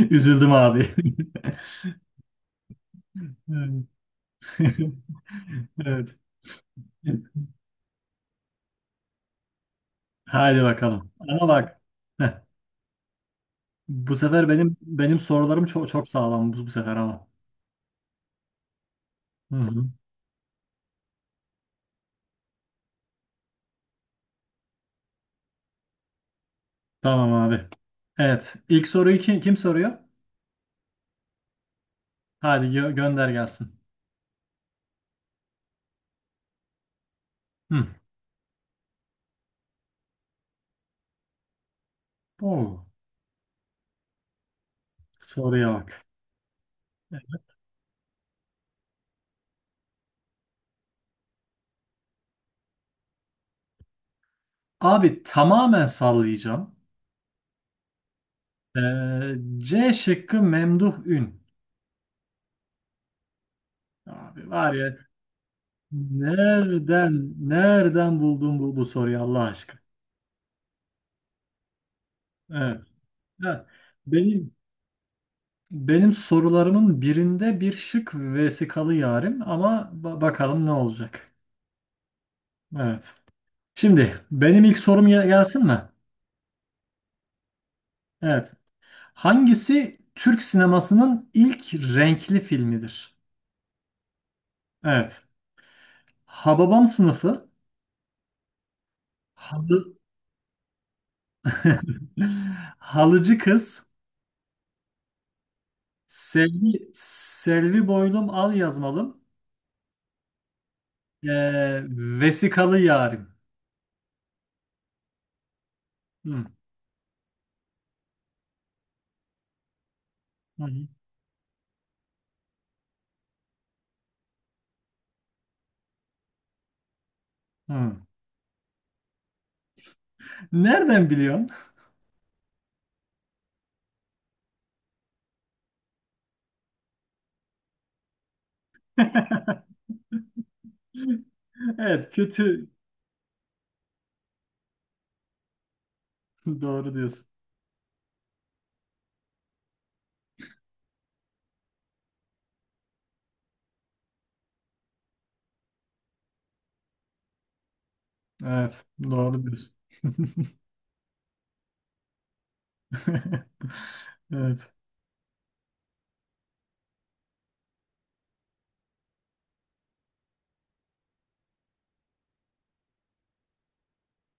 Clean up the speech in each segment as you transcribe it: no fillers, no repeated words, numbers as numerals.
Üzüldüm abi. Evet. Evet. Haydi bakalım. Ama bak. heh, Bu sefer benim sorularım çok çok sağlam, bu sefer ama. Hı hı. Tamam abi. Evet. İlk soruyu kim soruyor? Hadi gönder gelsin. Hı. Oo, soruya bak. Abi tamamen sallayacağım. C şıkkı Memduh Ün. Abi var ya, nereden buldun bu soruyu Allah aşkına? Evet. Ya, benim benim sorularımın birinde bir şık Vesikalı Yarim, ama bakalım ne olacak. Evet. Şimdi benim ilk sorum gelsin mi? Evet. Hangisi Türk sinemasının ilk renkli filmidir? Evet. Hababam Sınıfı, Halı... Halıcı Kız, Selvi Boylum Al Yazmalım, ee, Vesikalı Yarim. Hı. Hı hı. Hı. Nereden biliyorsun? Evet, kötü. Doğru diyorsun. Evet, doğru diyorsun. Evet,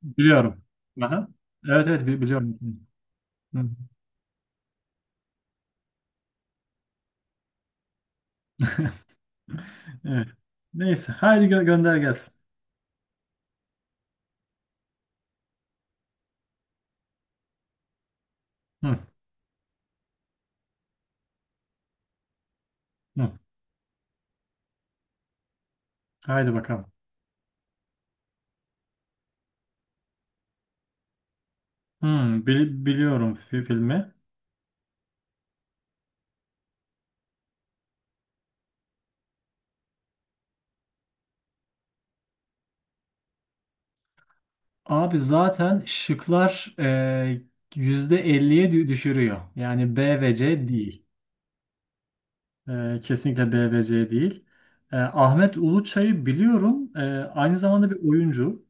biliyorum. Aha. Evet, evet, biliyorum. Hı. Evet. Neyse, haydi gönder gelsin. Hı, hı. Haydi bakalım. Hı, Biliyorum filmi. Abi zaten şıklar yüzde elliye düşürüyor. Yani B ve C değil. Kesinlikle BVC değil. Ahmet Uluçay'ı biliyorum. Aynı zamanda bir oyuncu.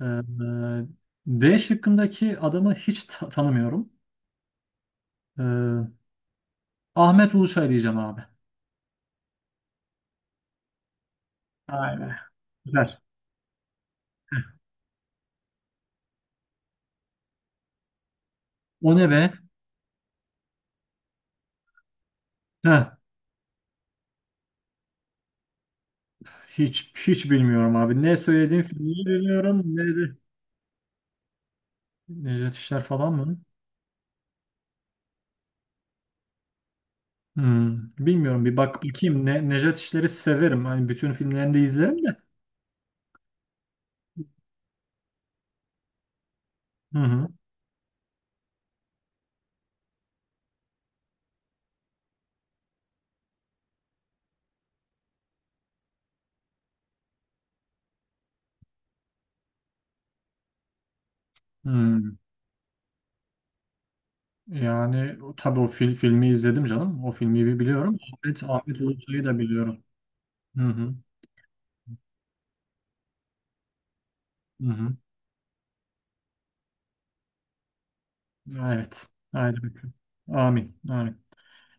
Ee, D şıkkındaki adamı hiç tanımıyorum. Ee, Ahmet Uluçay diyeceğim abi. Aynen. Güzel. O ne be? Heh, Hiç hiç bilmiyorum abi. Ne söylediğim filmi bilmiyorum. Ne de Nejat İşler falan mı? Bilmiyorum. Bir bak bakayım. Nejat İşler'i severim. Hani bütün filmlerini de izlerim de. Hı hı. Hmm. Yani tabii o filmi izledim canım. O filmi bir biliyorum. Ahmet Ulusoy'u da biliyorum. Hı hı. Hı hı. Evet. Haydi bakalım. Amin. Amin.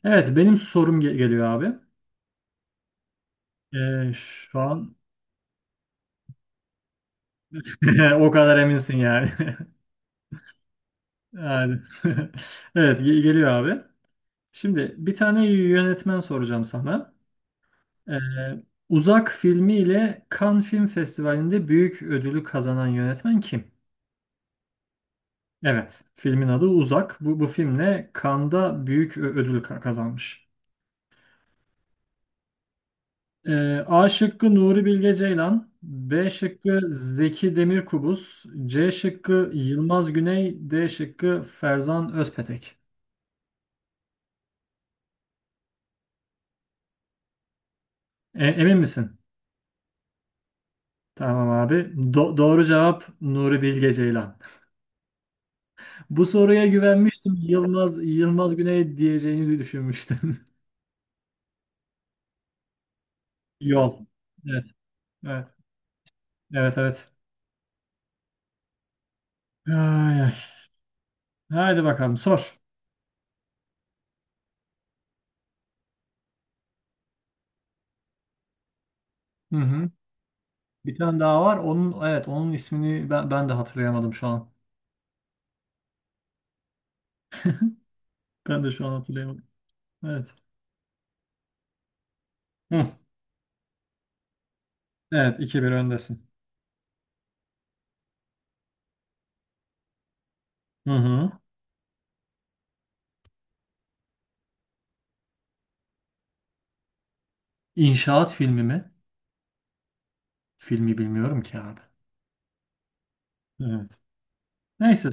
Evet benim sorum geliyor abi. Şu an o kadar eminsin yani. Yani. Evet, geliyor abi. Şimdi bir tane yönetmen soracağım sana. Ee, Uzak filmi ile Cannes Film Festivali'nde büyük ödülü kazanan yönetmen kim? Evet, filmin adı Uzak. Bu filmle Cannes'da büyük ödül kazanmış. A şıkkı Nuri Bilge Ceylan, B şıkkı Zeki Demirkubuz, C şıkkı Yılmaz Güney, D şıkkı Ferzan Özpetek. Emin misin? Tamam abi. Doğru cevap Nuri Bilge Ceylan. Bu soruya güvenmiştim. Yılmaz Güney diyeceğini düşünmüştüm. Yol. Evet, evet, evet, evet. Ay, ay. Haydi bakalım sor. Hı hı. Bir tane daha var. Onun, evet, onun ismini ben de hatırlayamadım şu an. Ben de şu an hatırlayamadım. Evet. Hı. Evet, iki bir öndesin. Hı hı. İnşaat filmi mi? Filmi bilmiyorum ki abi. Evet. Neyse.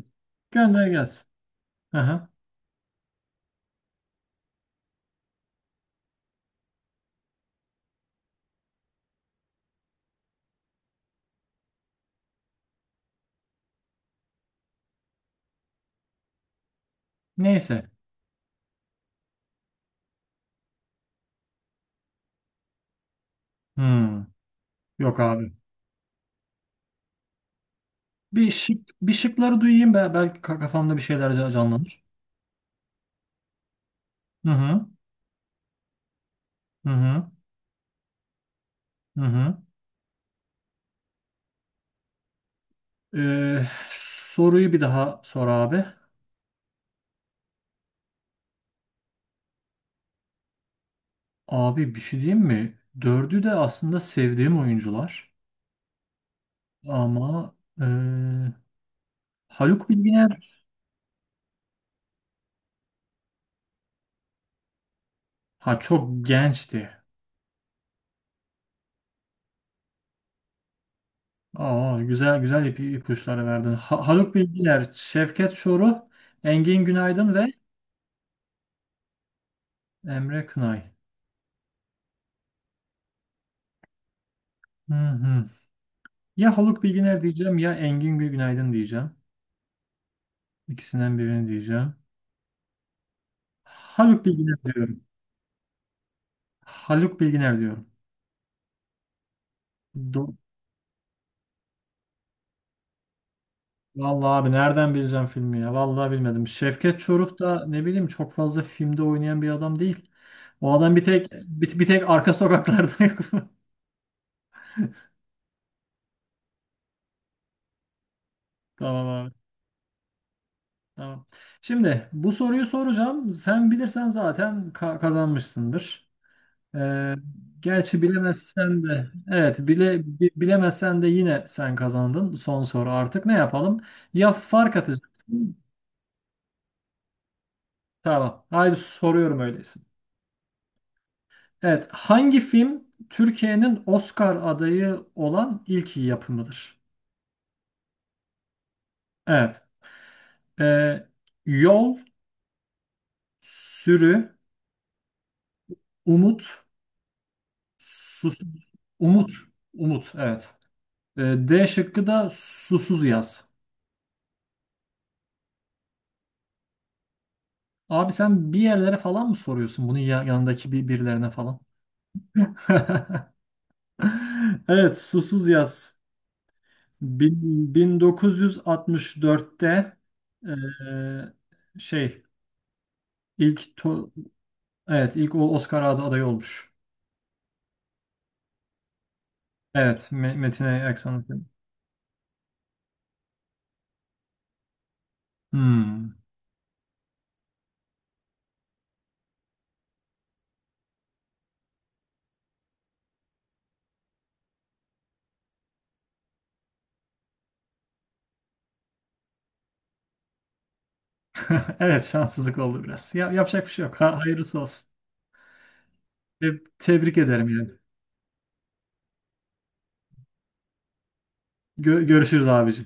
Gönder gelsin. Hı hı. Neyse. Hmm. Yok abi. Bir şıkları duyayım be. Belki kafamda bir şeyler canlanır. Hı hı. Hı hı. Hı hı. Soruyu bir daha sor abi. Abi bir şey diyeyim mi? Dördü de aslında sevdiğim oyuncular. Ama e, Haluk Bilginer ha çok gençti. Aa, güzel güzel ipuçları verdin. Haluk Bilginer, Şevket Çoruh, Engin Günaydın ve Emre Kınay. Hı hı. Ya Haluk Bilginer diyeceğim ya Engin Günaydın diyeceğim. İkisinden birini diyeceğim. Haluk Bilginer diyorum. Haluk Bilginer diyorum. Vallahi abi nereden bileceğim filmi ya? Vallahi bilmedim. Şevket Çoruh da ne bileyim, çok fazla filmde oynayan bir adam değil. O adam bir tek arka sokaklarda yok. Tamam abi. Tamam. Şimdi bu soruyu soracağım. Sen bilirsen zaten kazanmışsındır. Ee, Gerçi bilemezsen de, evet, bilemezsen de yine sen kazandın. Son soru artık ne yapalım? Ya fark atacaksın. Tamam. Haydi soruyorum öyleyse. Evet, hangi film Türkiye'nin Oscar adayı olan ilk yapımıdır? Evet, e, Yol, Sürü, Umut, Susuz, Umut, Umut, evet. E, D şıkkı da Susuz Yaz. Abi sen bir yerlere falan mı soruyorsun bunun yanındaki bir birilerine falan? Evet, Susuz Yaz. 1964'te e, şey ilk Evet, ilk Oscar adayı olmuş. Evet, Metin Aksan'ın. Hmm. Evet, şanssızlık oldu biraz. Ya, yapacak bir şey yok. Ha, hayırlısı olsun. Tebrik ederim yani. Görüşürüz abici.